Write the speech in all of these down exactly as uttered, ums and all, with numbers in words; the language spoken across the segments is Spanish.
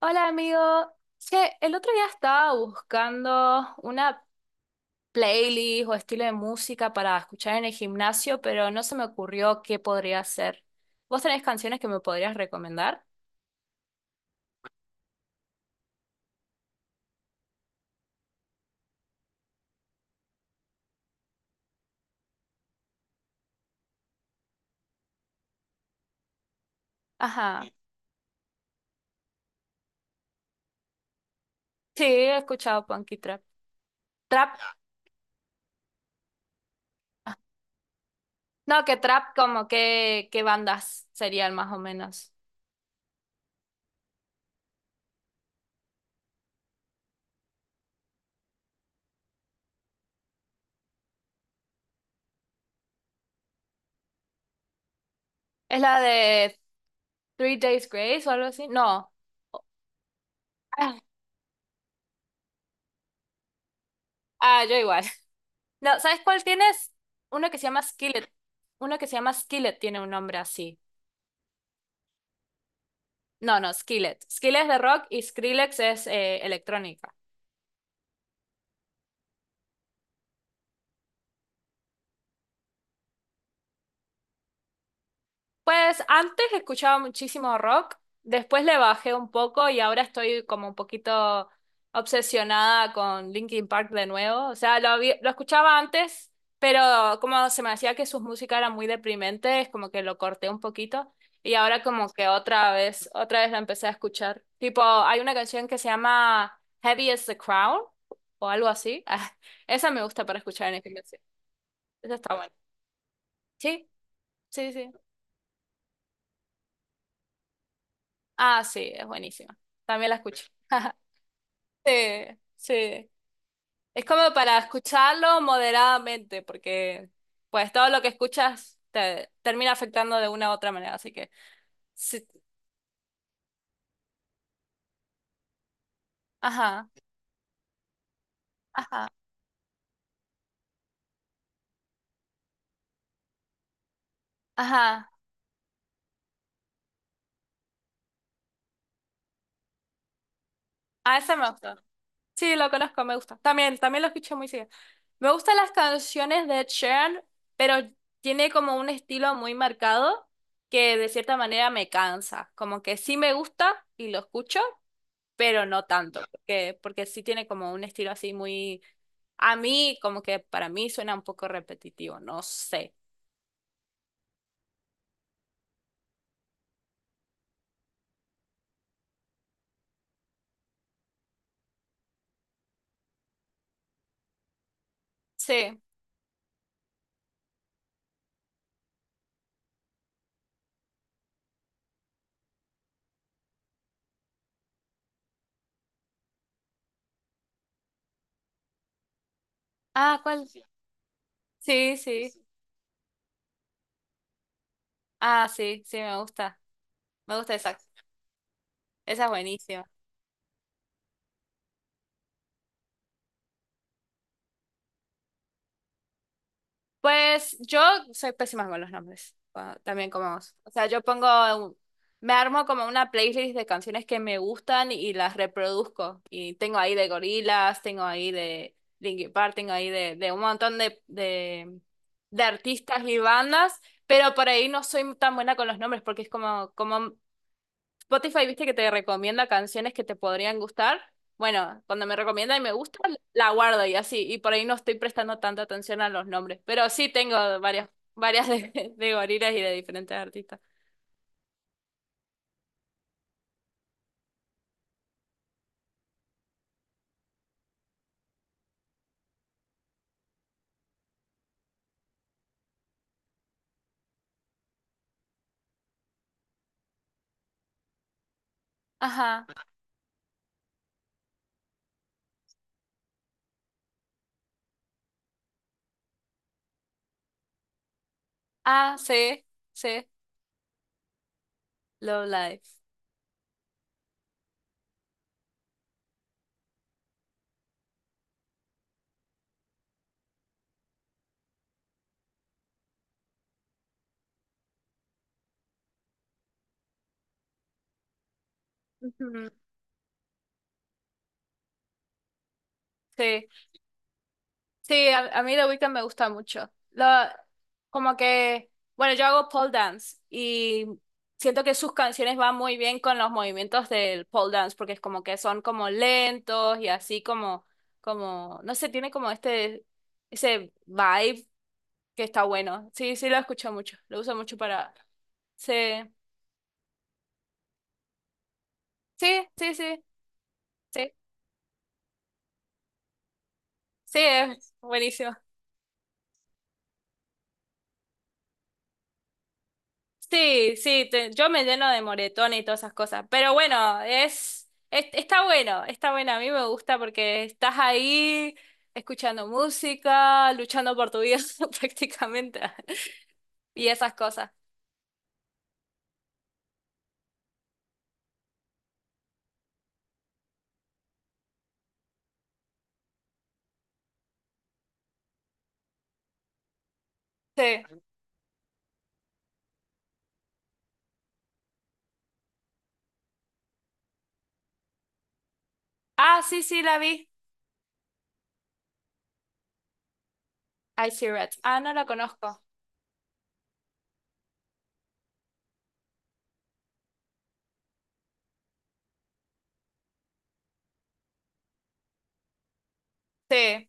Hola amigo, che, el otro día estaba buscando una playlist o estilo de música para escuchar en el gimnasio, pero no se me ocurrió qué podría hacer. ¿Vos tenés canciones que me podrías recomendar? Ajá, sí, he escuchado punk y trap. Trap, no, que trap como que, qué bandas serían más o menos. ¿Es la de Three Days Grace o algo así? No. Ah, ah, yo igual. No, ¿sabes cuál tienes? Uno que se llama Skillet. Uno que se llama Skillet tiene un nombre así. No, no, Skillet. Skillet es de rock y Skrillex es eh, electrónica. Pues antes escuchaba muchísimo rock, después le bajé un poco y ahora estoy como un poquito obsesionada con Linkin Park de nuevo. O sea, lo, había- lo escuchaba antes, pero como se me hacía que sus músicas eran muy deprimentes, como que lo corté un poquito y ahora como que otra vez, otra vez la empecé a escuchar. Tipo, hay una canción que se llama Heavy as the Crown o algo así. Esa me gusta para escuchar en el gimnasio. Esa está buena. Sí, sí, sí. Ah, sí, es buenísima. También la escucho. Sí, sí. Es como para escucharlo moderadamente, porque pues todo lo que escuchas te termina afectando de una u otra manera, así que sí. Ajá, ajá, ajá. A ese me gusta. Sí, lo conozco, me gusta. También, también lo escucho muy seguido. Me gustan las canciones de Ed Sheeran, pero tiene como un estilo muy marcado que de cierta manera me cansa. Como que sí me gusta y lo escucho, pero no tanto, porque, porque sí tiene como un estilo así muy, a mí como que para mí suena un poco repetitivo, no sé. Sí. Ah, ¿cuál? Sí, sí. Ah, sí, sí, me gusta. Me gusta esa. Esa es buenísima. Pues yo soy pésima con los nombres, ah, también como vos. O sea, yo pongo, un- me armo como una playlist de canciones que me gustan y las reproduzco. Y tengo ahí de Gorillaz, tengo ahí de Linkin Park, tengo ahí de, de un montón de, de, de artistas y bandas, pero por ahí no soy tan buena con los nombres porque es como, como Spotify, viste que te recomienda canciones que te podrían gustar. Bueno, cuando me recomienda y me gusta, la guardo y así. Y por ahí no estoy prestando tanta atención a los nombres. Pero sí tengo varias, varias de, de gorilas y de diferentes artistas. Ajá. Ah, sí, sí. Low Life. Ujú. Sí. Sí, a, a mí The Weeknd me gusta mucho. La- como que, bueno, yo hago pole dance y siento que sus canciones van muy bien con los movimientos del pole dance porque es como que son como lentos y así como, como, no sé, tiene como este, ese vibe que está bueno. Sí, sí lo escucho mucho, lo uso mucho para... Sí, sí, sí, sí, sí, sí, es buenísimo. Sí, sí, te- yo me lleno de moretones y todas esas cosas, pero bueno, es, es- está bueno, está bueno, a mí me gusta porque estás ahí escuchando música, luchando por tu vida prácticamente y esas cosas. Sí. Ah, sí, sí, la vi. I See Red. Ah, no la conozco. Sí,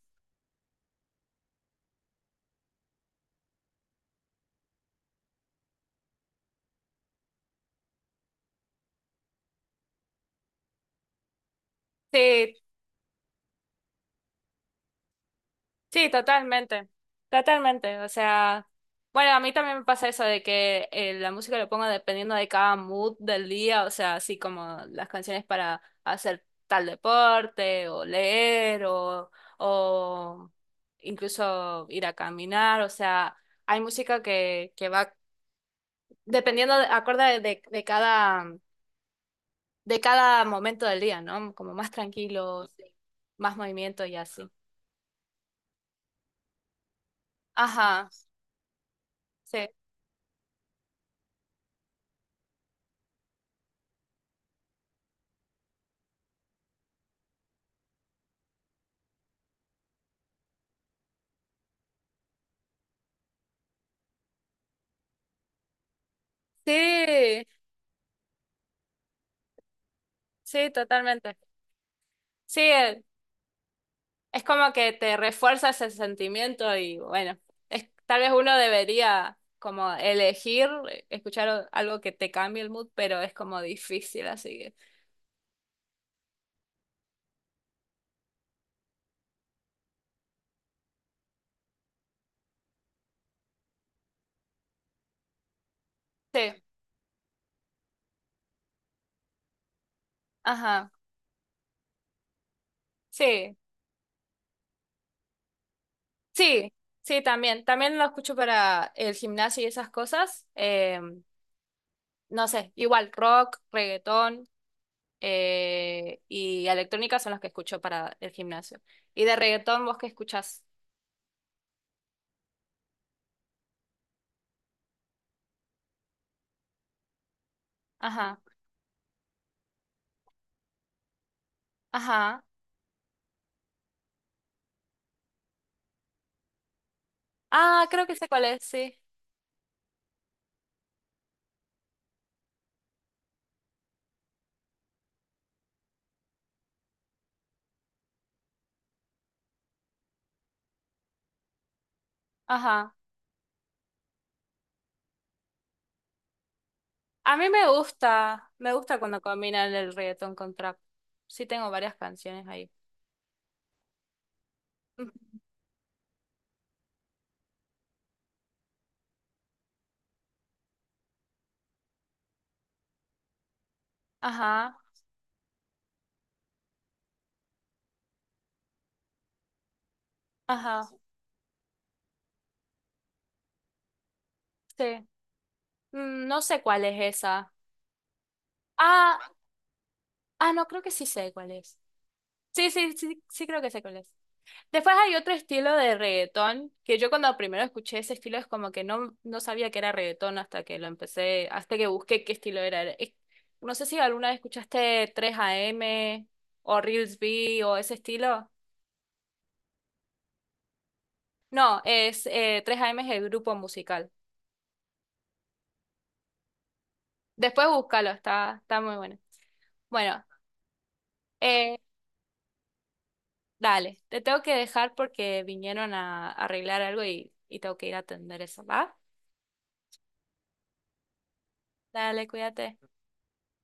sí, sí, totalmente, totalmente. O sea, bueno, a mí también me pasa eso de que eh, la música lo pongo dependiendo de cada mood del día, o sea, así como las canciones para hacer tal deporte o leer o, o incluso ir a caminar, o sea, hay música que, que va dependiendo, de, acorde de, de, de cada, de cada momento del día, ¿no? Como más tranquilo, más movimiento y así. Ajá, sí. Sí, sí, totalmente. Sí, eh, es como que te refuerza ese sentimiento y bueno, es, tal vez uno debería como elegir eh, escuchar o- algo que te cambie el mood, pero es como difícil, así que sí, ajá, sí, sí, sí, también, también lo escucho para el gimnasio y esas cosas, eh, no sé, igual rock, reggaetón eh, y electrónica son los que escucho para el gimnasio. Y de reggaetón, ¿vos qué escuchás? Ajá, ajá. Ah, creo que sé cuál es, sí. Ajá. A mí me gusta, me gusta cuando combinan el reggaetón con trap. Sí tengo varias canciones ahí. Ujú. Ajá, ajá, sí. Mm, no sé cuál es esa. Ah, ah, no, creo que sí sé cuál es. Sí, sí, sí, sí creo que sé cuál es. Después hay otro estilo de reggaetón, que yo cuando primero escuché ese estilo es como que no, no sabía que era reggaetón hasta que lo empecé, hasta que busqué qué estilo era. Es- No sé si alguna vez escuchaste tres a m o Reels B o ese estilo. No, es eh, tres a m es el grupo musical. Después búscalo, está, está muy bueno. Bueno, eh, dale, te tengo que dejar porque vinieron a, a arreglar algo y, y tengo que ir a atender eso, ¿va? Dale, cuídate.